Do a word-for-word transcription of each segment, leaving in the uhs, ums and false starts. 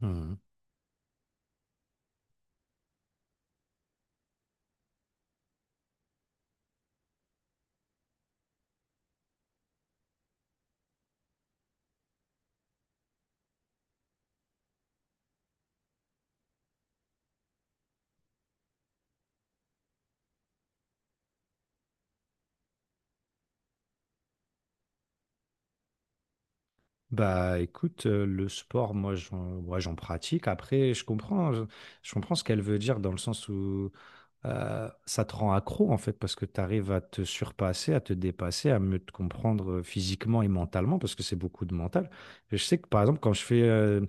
Mmh. Bah, écoute, heu, le sport, moi, j'en ouais, j'en pratique. Après, je comprends, je je comprends ce qu'elle veut dire dans le sens où euh, ça te rend accro en fait parce que tu arrives à te surpasser, à te dépasser, à mieux te comprendre euh, physiquement et mentalement parce que c'est beaucoup de mental. Je sais que par exemple quand je fais, euh,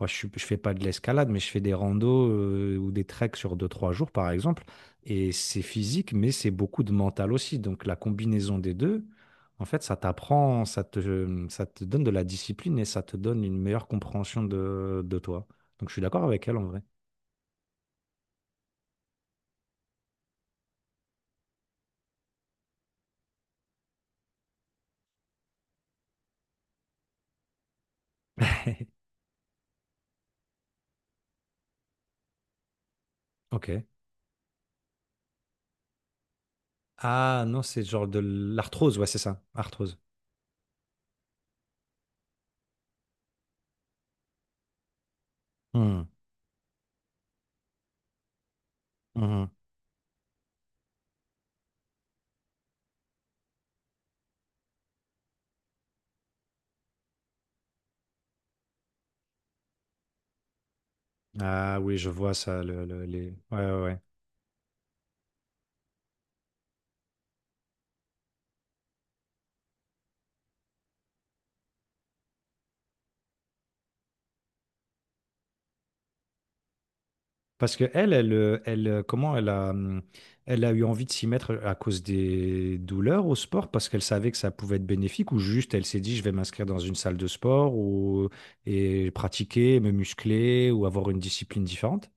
moi, je, suis- je fais pas de l'escalade mais je fais des randos euh, ou des treks sur deux trois jours par exemple, et c'est physique mais c'est beaucoup de mental aussi. Donc la combinaison des deux, en fait ça t'apprend, ça te, ça te donne de la discipline et ça te donne une meilleure compréhension de, de toi. Donc je suis d'accord avec elle en vrai. Ok. Ah non, c'est genre de l'arthrose, ouais, c'est ça, arthrose. Hmm, mhm. Ah oui, je vois ça, le, le- les... Ouais, ouais, ouais. Parce que elle, elle, euh, elle, euh, comment elle a, hum, elle a eu envie de s'y mettre à cause des douleurs au sport, parce qu'elle savait que ça pouvait être bénéfique, ou juste elle s'est dit, je vais m'inscrire dans une salle de sport, ou et pratiquer, me muscler, ou avoir une discipline différente.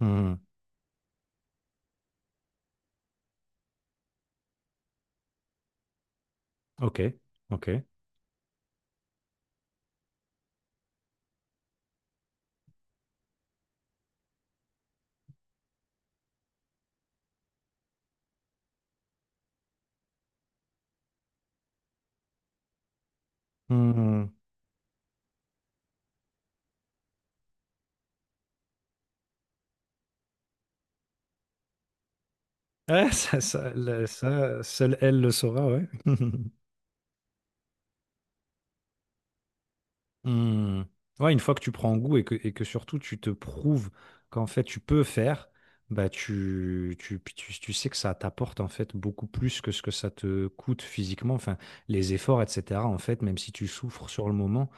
Hmm, Ok, ok. Hmm. Ouais, ça, ça, le- ça, seule elle le saura, ouais. Hmm. Ouais, une fois que tu prends goût et que, et que surtout tu te prouves qu'en fait tu peux faire, bah tu, tu, tu, tu sais que ça t'apporte en fait beaucoup plus que ce que ça te coûte physiquement, enfin les efforts, et cetera. En fait, même si tu souffres sur le moment,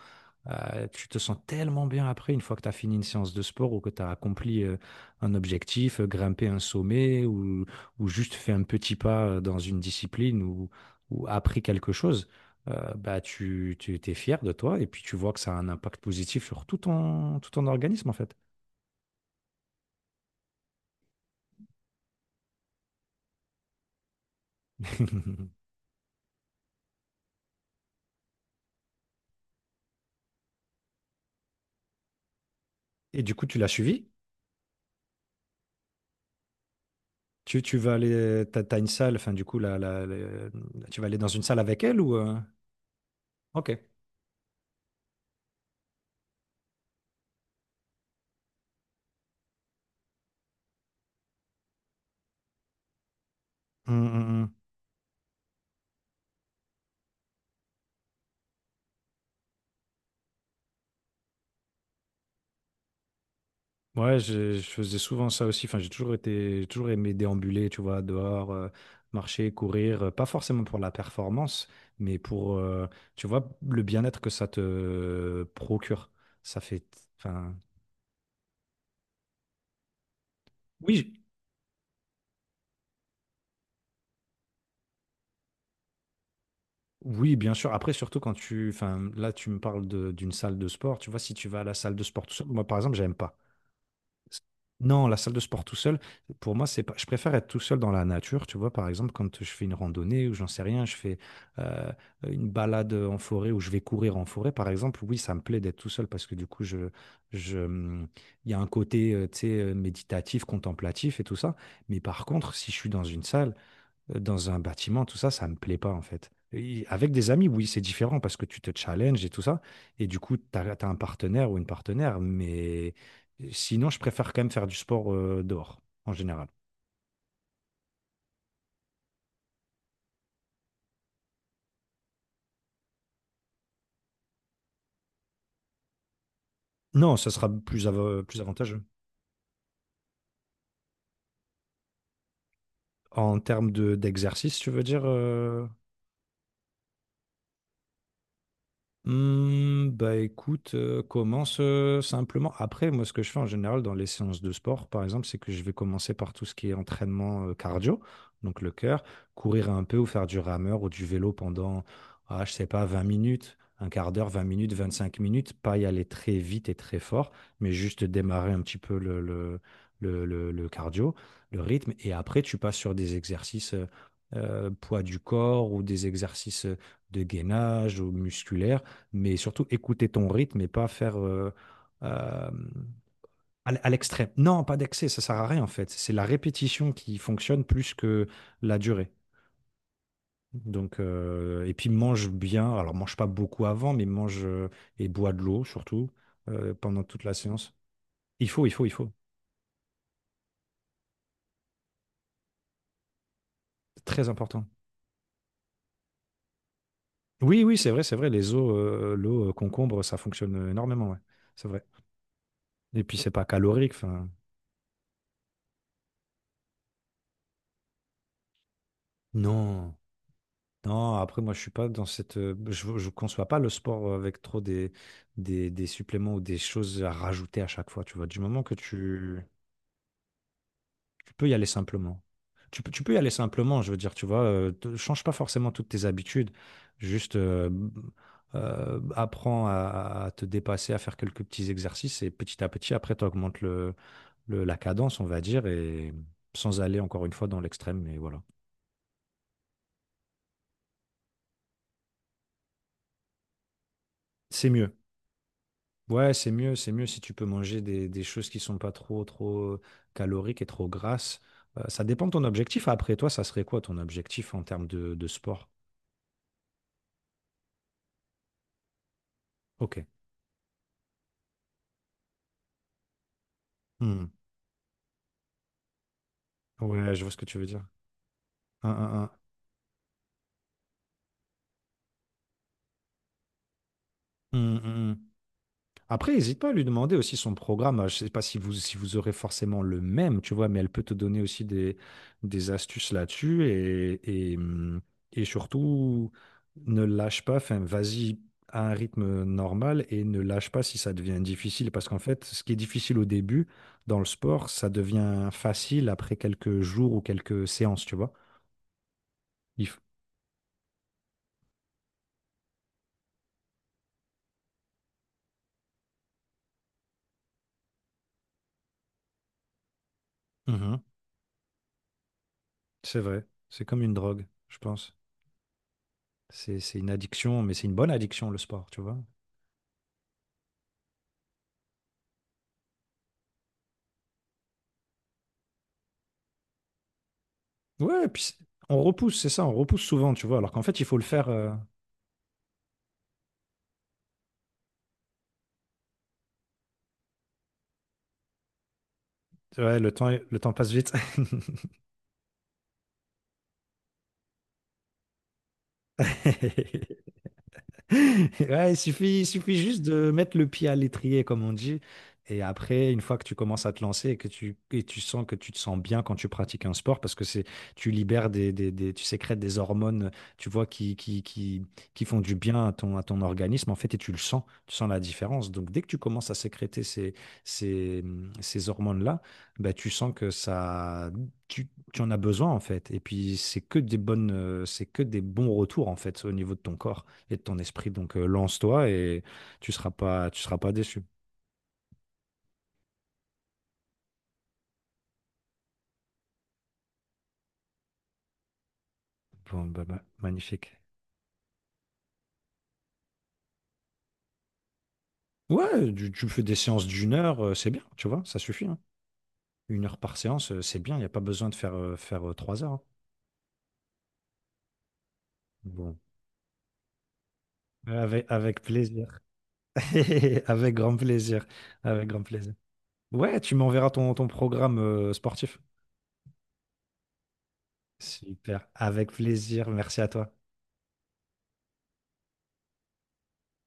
euh, tu te sens tellement bien après, une fois que tu as fini une séance de sport ou que tu as accompli euh, un objectif, euh, grimpé un sommet ou, ou juste fait un petit pas euh, dans une discipline ou, ou appris quelque chose, euh, bah, tu, tu es fier de toi et puis tu vois que ça a un impact positif sur tout ton, tout ton organisme en fait. Et du coup, tu l'as suivi? Tu, tu vas aller, t'as, t'as une salle, enfin du coup, la, la- la- tu vas aller dans une salle avec elle ou... euh, Ok. Mm, mm. Ouais, je, je faisais souvent ça aussi. Enfin, j'ai toujours été, j'ai toujours aimé déambuler, tu vois, dehors, euh, marcher, courir. euh, Pas forcément pour la performance, mais pour, euh, tu vois, le bien-être que ça te procure. Ça fait, enfin, oui, j- oui, bien sûr. Après, surtout quand tu, enfin, là, tu me parles de- d'une salle de sport. Tu vois, si tu vas à la salle de sport tout seul, moi, par exemple, j'aime pas. Non, la salle de sport tout seul, pour moi, c'est pas... je préfère être tout seul dans la nature. Tu vois, par exemple, quand je fais une randonnée ou j'en sais rien, je fais euh, une balade en forêt ou je vais courir en forêt, par exemple, oui, ça me plaît d'être tout seul parce que du coup, je, je... hum, il y a un côté, euh, tu sais, euh, méditatif, contemplatif et tout ça. Mais par contre, si je suis dans une salle, heu, dans un bâtiment, tout ça, ça me plaît pas en fait. Et avec des amis, oui, c'est différent parce que tu te challenges et tout ça, et du coup, tu as un partenaire ou une partenaire, mais euh, sinon, je préfère quand même faire du sport, heu, dehors, en général. Non, ça sera plus av plus avantageux. En termes de d'exercice, tu veux dire, heu? Hmm, bah écoute, euh, commence euh, simplement. Après, moi, ce que je fais en général dans les séances de sport, par exemple, c'est que je vais commencer par tout ce qui est entraînement euh, cardio, donc le cœur, courir un peu ou faire du rameur ou du vélo pendant, ah, je sais pas, vingt minutes, un quart d'heure, vingt minutes, vingt-cinq minutes, pas y aller très vite et très fort, mais juste démarrer un petit peu le, le, le, le, le cardio, le rythme, et après, tu passes sur des exercices euh, euh, poids du corps ou des exercices euh, de gainage ou musculaire, mais surtout écouter ton rythme et pas faire euh, euh, à l- à l'extrême. Non, pas d'excès, ça sert à rien en fait. C'est la répétition qui fonctionne plus que la durée. Donc, euh, et puis mange bien. Alors, mange pas beaucoup avant, mais mange euh, et bois de l'eau surtout euh, pendant toute la séance. Il faut, il faut, il faut. C'est très important. Oui, oui, c'est vrai, c'est vrai. Les eaux, euh, l'eau euh, concombre, ça fonctionne énormément. Ouais. C'est vrai. Et puis, c'est pas calorique. Enfin, non. Non, après, moi, je suis pas dans cette. euh, Je, je conçois pas le sport euh, avec trop des, des, des suppléments ou des choses à rajouter à chaque fois. Tu vois, du moment que tu, tu peux y aller simplement. Tu peux, tu peux y aller simplement, je veux dire, tu vois, euh, te- change pas forcément toutes tes habitudes. Juste euh, euh, apprends à, à te dépasser, à faire quelques petits exercices et petit à petit, après, tu augmentes le, le- la cadence, on va dire, et sans aller encore une fois dans l'extrême, mais voilà. C'est mieux. Ouais, c'est mieux, c'est mieux si tu peux manger des, des choses qui sont pas trop, trop caloriques et trop grasses. Euh, ça dépend de ton objectif. Après, toi, ça serait quoi ton objectif en termes de, de sport? Ok. Hmm. Ouais, je vois ce que tu veux dire. Hein, hein, hein. Hmm, hmm, hmm. Après, n'hésite pas à lui demander aussi son programme. Euh, Je ne sais pas si vous, si vous aurez forcément le même, tu vois, mais elle peut te donner aussi des, des astuces là-dessus et, et, hum, et surtout, ne lâche pas, enfin, vas-y à un rythme normal et ne lâche pas si ça devient difficile parce qu'en fait, ce qui est difficile au début dans le sport, ça devient facile après quelques jours ou quelques séances, tu vois. Il f- Mhm. C'est vrai, c'est comme une drogue, je pense. C'est, c'est une addiction, mais c'est une bonne addiction, le sport, tu vois. Ouais, puis c'est- on repousse, c'est ça, on repousse souvent, tu vois, alors qu'en fait, il faut le faire. euh, Ouais, le temps, est- le temps passe vite. Ouais, il suffit, il suffit juste de mettre le pied à l'étrier, comme on dit. Et après, une fois que tu commences à te lancer et que tu, et tu sens que tu te sens bien quand tu pratiques un sport, parce que c'est, tu libères des, des- des- tu sécrètes des hormones, tu vois, qui, qui, qui, qui font du bien à ton, à ton organisme, en fait, et tu le sens, tu sens la différence. Donc, dès que tu commences à sécréter ces, ces, ces hormones-là, bah, tu sens que ça, tu, tu en as besoin, en fait. Et puis, c'est que des bonnes, euh, c'est que des bons retours, en fait, au niveau de ton corps et de ton esprit. Donc, euh, lance-toi et tu seras pas, tu seras pas déçu. Bon, bah, bah, magnifique. Ouais, tu, tu fais des séances d'une heure, euh, c'est bien, tu vois, ça suffit. Hein. Une heure par séance, euh, c'est bien, il n'y a pas besoin de faire, euh, faire euh, trois heures. Hein. Bon. Avec, avec plaisir. Avec grand plaisir. Avec grand plaisir. Ouais, tu m'enverras ton, ton programme euh, sportif. Super. Avec plaisir. Merci à toi.